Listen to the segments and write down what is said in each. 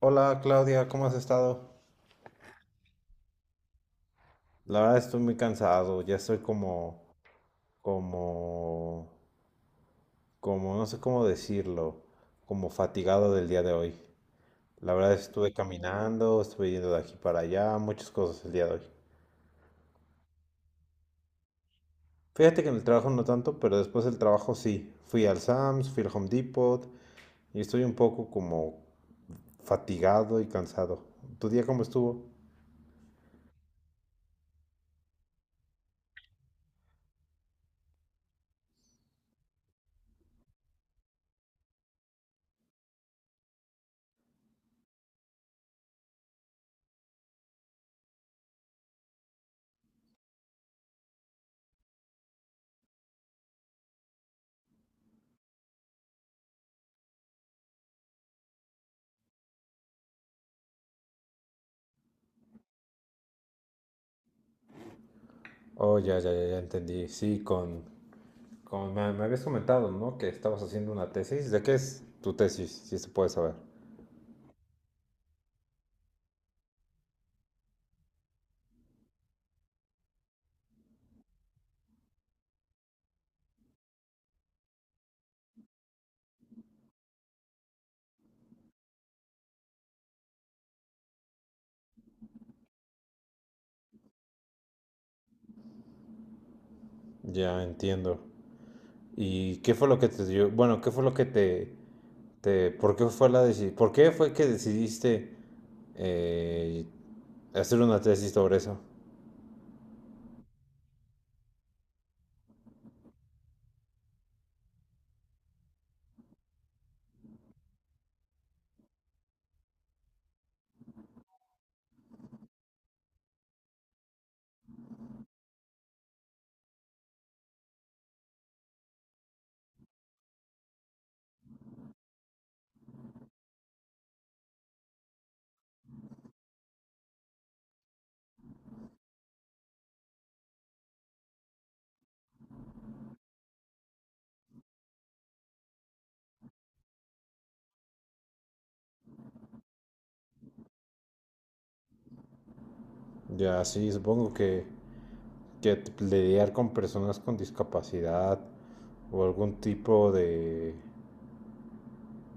Hola Claudia, ¿cómo has estado? La verdad estoy muy cansado, ya estoy como, no sé cómo decirlo, como fatigado del día de hoy. La verdad estuve caminando, estuve yendo de aquí para allá, muchas cosas el día de hoy. Fíjate que en el trabajo no tanto, pero después del trabajo sí. Fui al Sam's, fui al Home Depot y estoy un poco como fatigado y cansado. ¿Tu día cómo estuvo? Oh, ya entendí. Sí, con, como me habías comentado, ¿no? Que estabas haciendo una tesis. ¿De qué es tu tesis? Si se puede saber. Ya entiendo. ¿Y qué fue lo que te dio? Bueno, ¿qué fue lo que por qué fue por qué fue que decidiste eh, hacer una tesis sobre eso? Ya, sí, supongo que lidiar con personas con discapacidad o algún tipo de,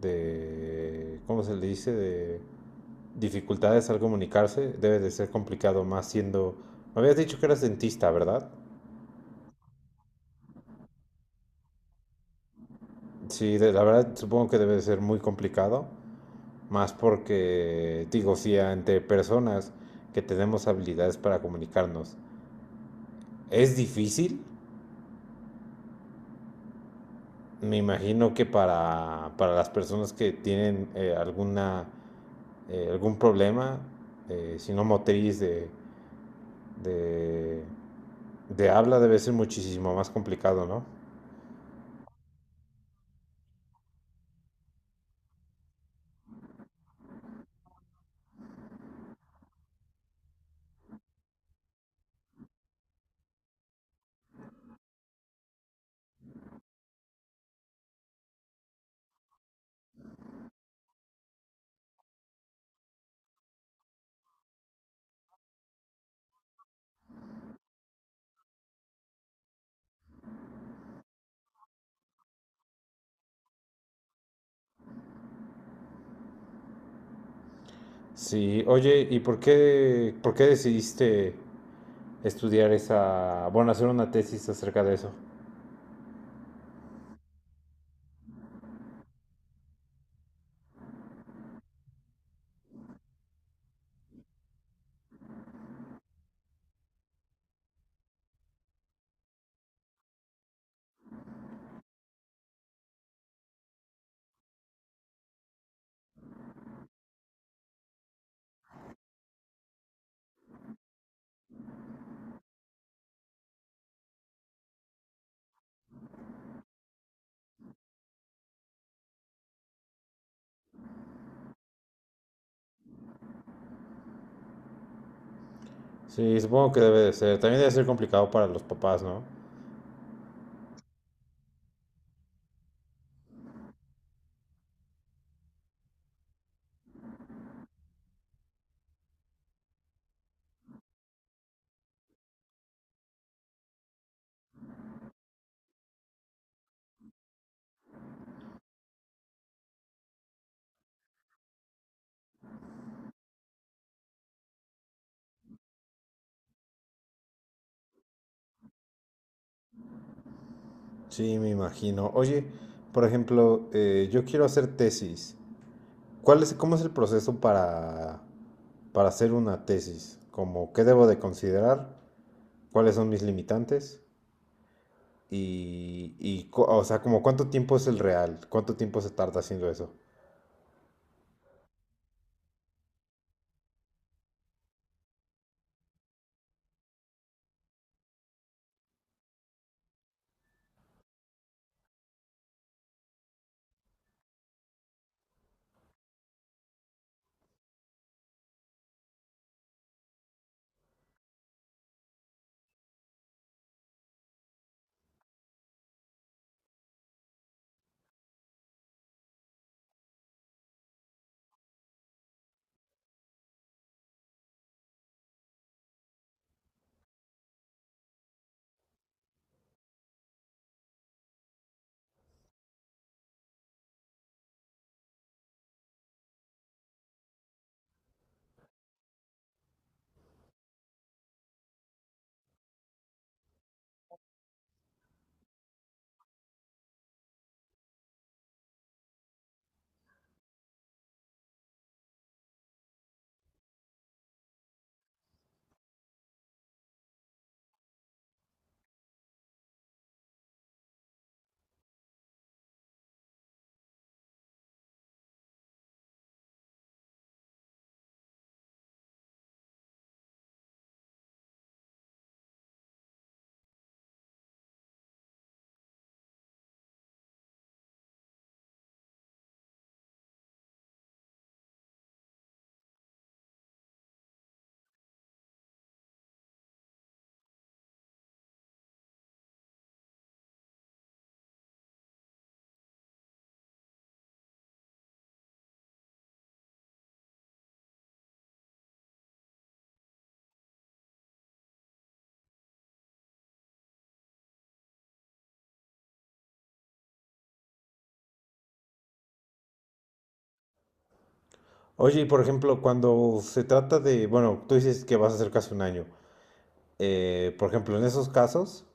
de, ¿cómo se le dice? De dificultades al comunicarse, debe de ser complicado, más siendo... Me habías dicho que eras dentista, ¿verdad? Sí, la verdad supongo que debe de ser muy complicado, más porque, digo, si ante personas que tenemos habilidades para comunicarnos es difícil, me imagino que para las personas que tienen alguna, algún problema, si no motriz de, de habla, debe ser muchísimo más complicado, ¿no? Sí, oye, ¿y por qué decidiste estudiar esa, bueno, hacer una tesis acerca de eso? Sí, supongo que debe de ser. También debe ser complicado para los papás, ¿no? Sí, me imagino. Oye, por ejemplo, yo quiero hacer tesis. ¿Cuál es, cómo es el proceso para hacer una tesis? Como, ¿qué debo de considerar? ¿Cuáles son mis limitantes? O sea, como, ¿cuánto tiempo es el real? ¿Cuánto tiempo se tarda haciendo eso? Oye, y por ejemplo, cuando se trata de, bueno, tú dices que vas a hacer casi un año. Por ejemplo, en esos casos,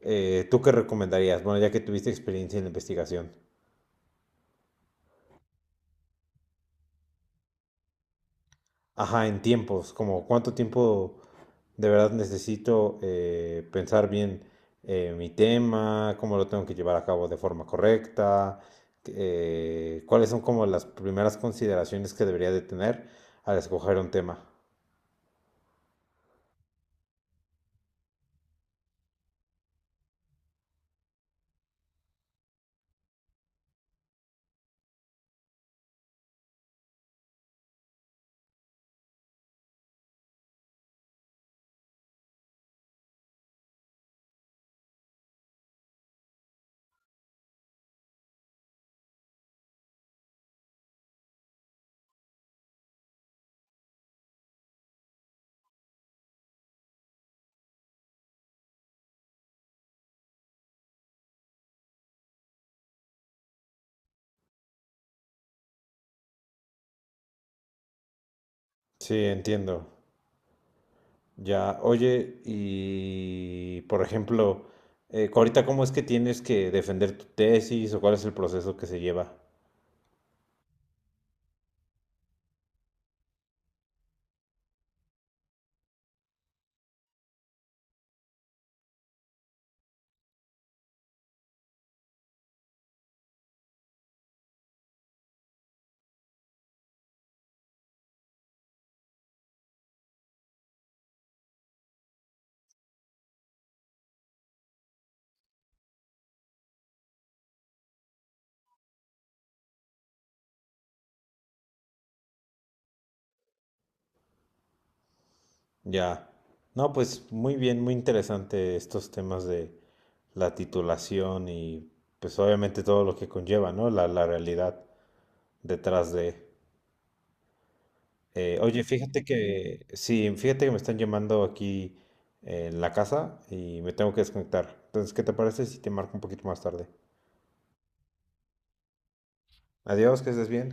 ¿tú qué recomendarías? Bueno, ya que tuviste experiencia en la investigación. Ajá, en tiempos, como cuánto tiempo de verdad necesito pensar bien, mi tema, cómo lo tengo que llevar a cabo de forma correcta, cuáles son como las primeras consideraciones que debería de tener al escoger un tema. Sí, entiendo. Ya, oye, y por ejemplo, ahorita cómo es que tienes que defender tu tesis o cuál es el proceso que se lleva. Ya. No, pues muy bien, muy interesante estos temas de la titulación y pues obviamente todo lo que conlleva, ¿no? La realidad detrás de... Oye, fíjate que, sí, fíjate que me están llamando aquí en la casa y me tengo que desconectar. Entonces, ¿qué te parece si te marco un poquito más tarde? Adiós, que estés bien.